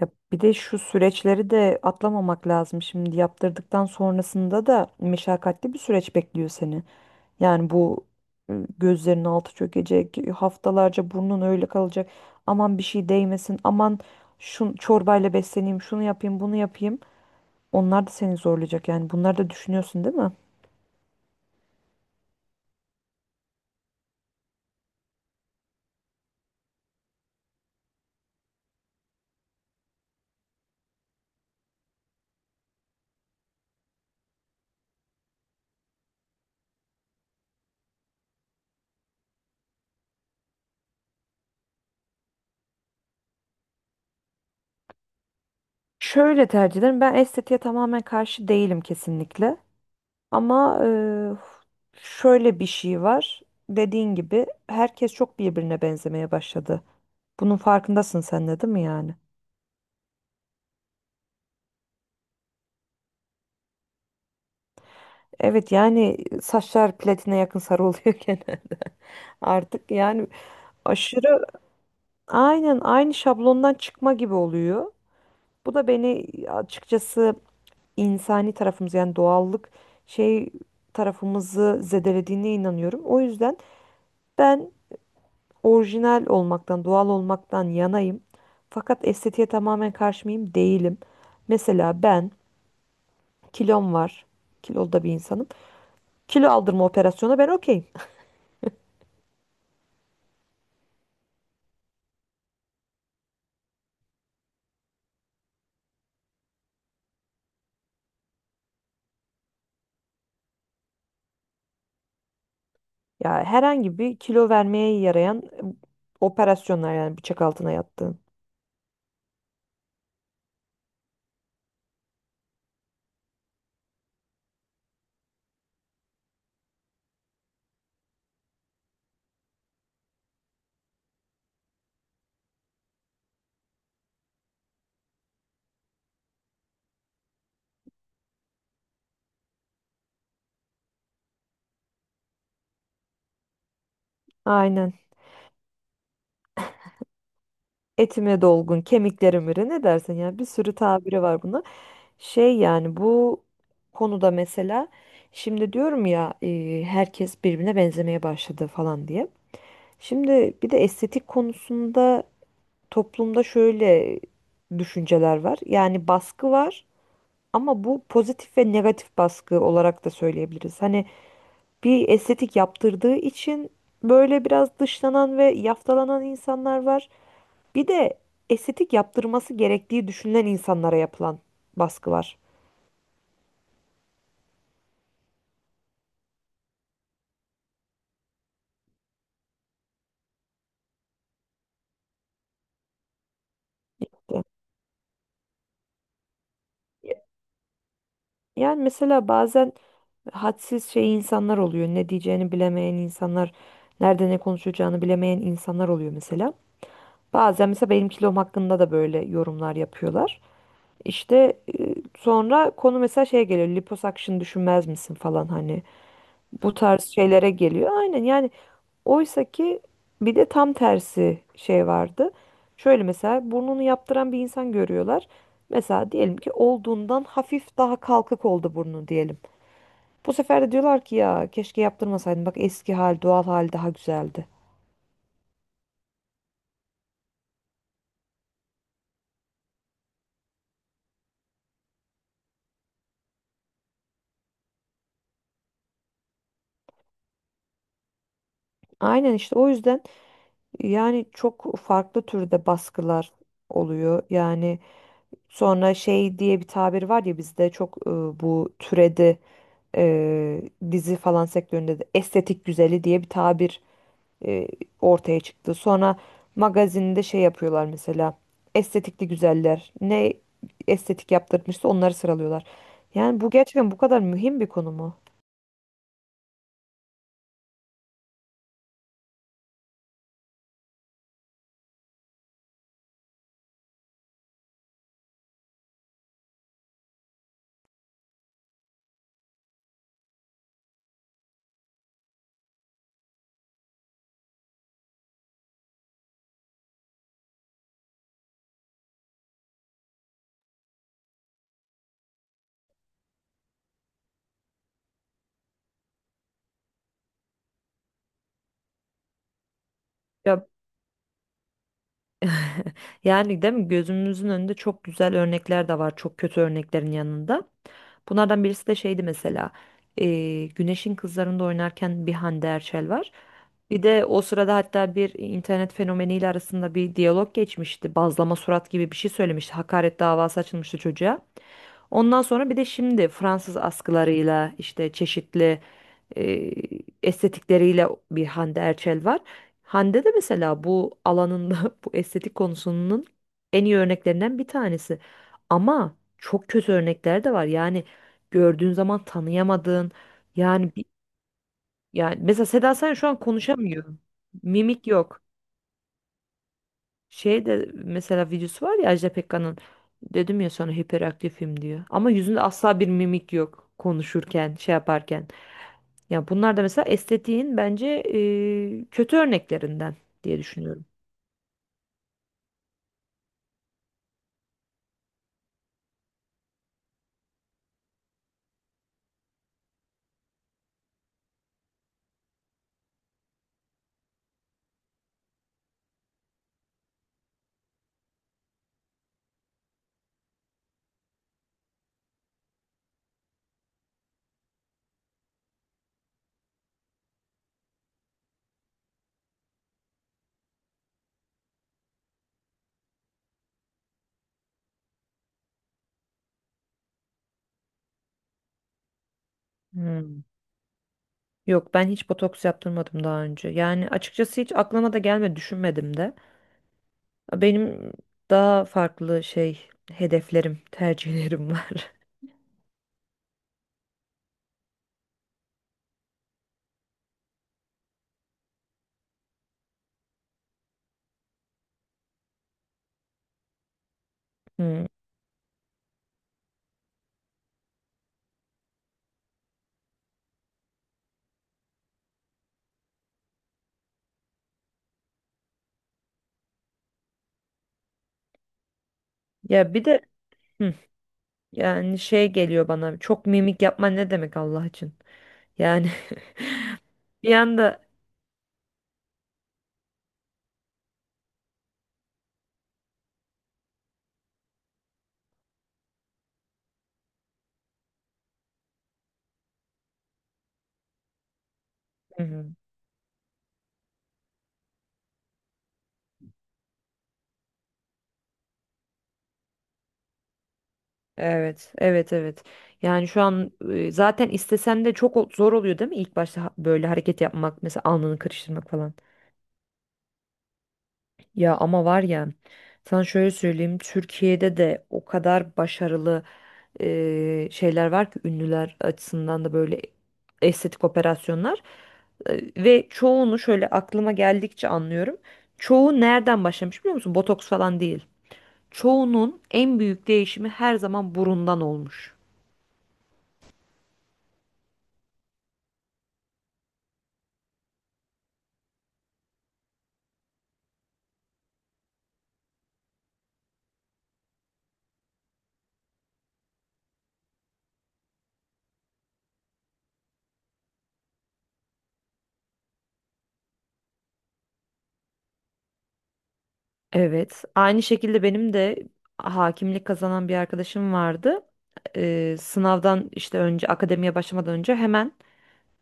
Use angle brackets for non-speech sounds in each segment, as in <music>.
Ya bir de şu süreçleri de atlamamak lazım. Şimdi yaptırdıktan sonrasında da meşakkatli bir süreç bekliyor seni. Yani bu gözlerinin altı çökecek, haftalarca burnun öyle kalacak. Aman bir şey değmesin, aman şu çorbayla besleneyim, şunu yapayım, bunu yapayım. Onlar da seni zorlayacak yani. Bunları da düşünüyorsun değil mi? Şöyle tercih ederim. Ben estetiğe tamamen karşı değilim kesinlikle. Ama şöyle bir şey var. Dediğin gibi herkes çok birbirine benzemeye başladı. Bunun farkındasın sen de değil mi yani? Evet yani saçlar platine yakın sarı oluyor <laughs> gene artık. Yani aşırı aynen aynı şablondan çıkma gibi oluyor. Bu da beni açıkçası insani tarafımız yani doğallık şey tarafımızı zedelediğine inanıyorum. O yüzden ben orijinal olmaktan, doğal olmaktan yanayım. Fakat estetiğe tamamen karşı mıyım? Değilim. Mesela ben kilom var. Kilolu da bir insanım. Kilo aldırma operasyonu ben okeyim. <laughs> Ya herhangi bir kilo vermeye yarayan operasyonlar yani bıçak altına yattığın. Aynen. Etime dolgun, kemiklerim iri ne dersin yani bir sürü tabiri var buna. Şey yani bu konuda mesela şimdi diyorum ya herkes birbirine benzemeye başladı falan diye. Şimdi bir de estetik konusunda toplumda şöyle düşünceler var. Yani baskı var ama bu pozitif ve negatif baskı olarak da söyleyebiliriz. Hani bir estetik yaptırdığı için böyle biraz dışlanan ve yaftalanan insanlar var. Bir de estetik yaptırması gerektiği düşünülen insanlara yapılan baskı var. Yani mesela bazen hadsiz şey insanlar oluyor. Ne diyeceğini bilemeyen insanlar, nerede ne konuşacağını bilemeyen insanlar oluyor mesela. Bazen mesela benim kilom hakkında da böyle yorumlar yapıyorlar. İşte sonra konu mesela şeye geliyor. Liposuction düşünmez misin falan hani. Bu tarz şeylere geliyor. Aynen yani oysa ki bir de tam tersi şey vardı. Şöyle mesela burnunu yaptıran bir insan görüyorlar. Mesela diyelim ki olduğundan hafif daha kalkık oldu burnu diyelim. Bu sefer de diyorlar ki ya keşke yaptırmasaydın. Bak eski hal, doğal hal daha güzeldi. Aynen işte o yüzden yani çok farklı türde baskılar oluyor. Yani sonra şey diye bir tabir var ya bizde çok bu türedi. e, Dizi falan sektöründe de estetik güzeli diye bir tabir e, ortaya çıktı. Sonra magazinde şey yapıyorlar mesela estetikli güzeller ne estetik yaptırmışsa onları sıralıyorlar. Yani bu gerçekten bu kadar mühim bir konu mu? Yani değil mi gözümüzün önünde çok güzel örnekler de var çok kötü örneklerin yanında. Bunlardan birisi de şeydi mesela Güneş'in Kızları'nda oynarken bir Hande Erçel var. Bir de o sırada hatta bir internet fenomeniyle arasında bir diyalog geçmişti. Bazlama surat gibi bir şey söylemişti. Hakaret davası açılmıştı çocuğa. Ondan sonra bir de şimdi Fransız askılarıyla işte çeşitli e, estetikleriyle bir Hande Erçel var. Hande de mesela bu alanında <laughs> bu estetik konusunun en iyi örneklerinden bir tanesi. Ama çok kötü örnekler de var. Yani gördüğün zaman tanıyamadığın yani yani mesela Seda Sayan şu an konuşamıyor. Mimik yok. Şey de mesela videosu var ya Ajda Pekkan'ın dedim ya sana hiperaktifim diyor. Ama yüzünde asla bir mimik yok konuşurken, şey yaparken. Ya bunlar da mesela estetiğin bence kötü örneklerinden diye düşünüyorum. Hmm. Yok ben hiç botoks yaptırmadım daha önce. Yani açıkçası hiç aklıma da gelmedi, düşünmedim de. Benim daha farklı şey hedeflerim, tercihlerim var. <laughs> Hmm. Ya bir de hı, yani şey geliyor bana. Çok mimik yapman ne demek Allah için? Yani <laughs> bir anda. Hı hı. Evet, evet, evet. Yani şu an zaten istesen de çok zor oluyor değil mi? İlk başta böyle hareket yapmak, mesela alnını karıştırmak falan. Ya ama var ya, sana şöyle söyleyeyim, Türkiye'de de o kadar başarılı şeyler var ki ünlüler açısından da böyle estetik operasyonlar. E, ve çoğunu şöyle aklıma geldikçe anlıyorum. Çoğu nereden başlamış biliyor musun? Botoks falan değil. Çoğunun en büyük değişimi her zaman burundan olmuş. Evet. Aynı şekilde benim de hakimlik kazanan bir arkadaşım vardı. Sınavdan işte önce akademiye başlamadan önce hemen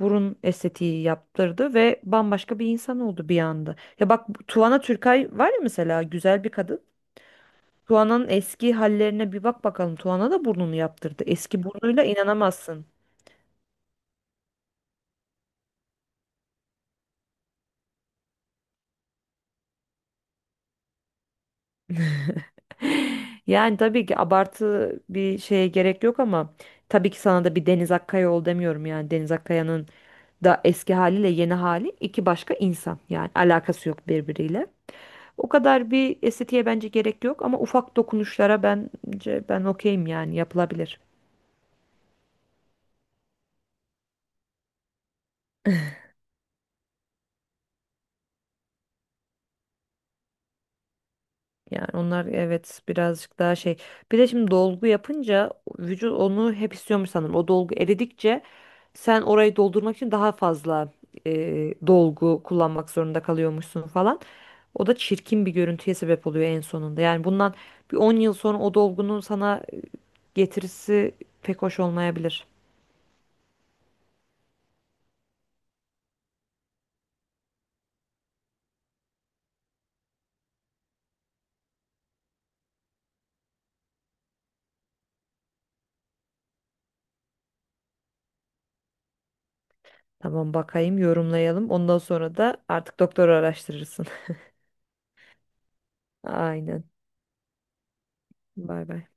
burun estetiği yaptırdı ve bambaşka bir insan oldu bir anda. Ya bak bu Tuana Türkay var ya mesela güzel bir kadın. Tuana'nın eski hallerine bir bak bakalım. Tuana da burnunu yaptırdı. Eski burnuyla inanamazsın. Yani tabii ki abartı bir şeye gerek yok ama tabii ki sana da bir Deniz Akkaya ol demiyorum yani Deniz Akkaya'nın da eski haliyle yeni hali iki başka insan yani alakası yok birbiriyle. O kadar bir estetiğe bence gerek yok ama ufak dokunuşlara bence ben okeyim yani yapılabilir. Yani onlar evet birazcık daha şey. Bir de şimdi dolgu yapınca vücut onu hep istiyormuş sanırım. O dolgu eridikçe sen orayı doldurmak için daha fazla dolgu kullanmak zorunda kalıyormuşsun falan. O da çirkin bir görüntüye sebep oluyor en sonunda. Yani bundan bir 10 yıl sonra o dolgunun sana getirisi pek hoş olmayabilir. Tamam bakayım yorumlayalım. Ondan sonra da artık doktora araştırırsın. <laughs> Aynen. Bay bay.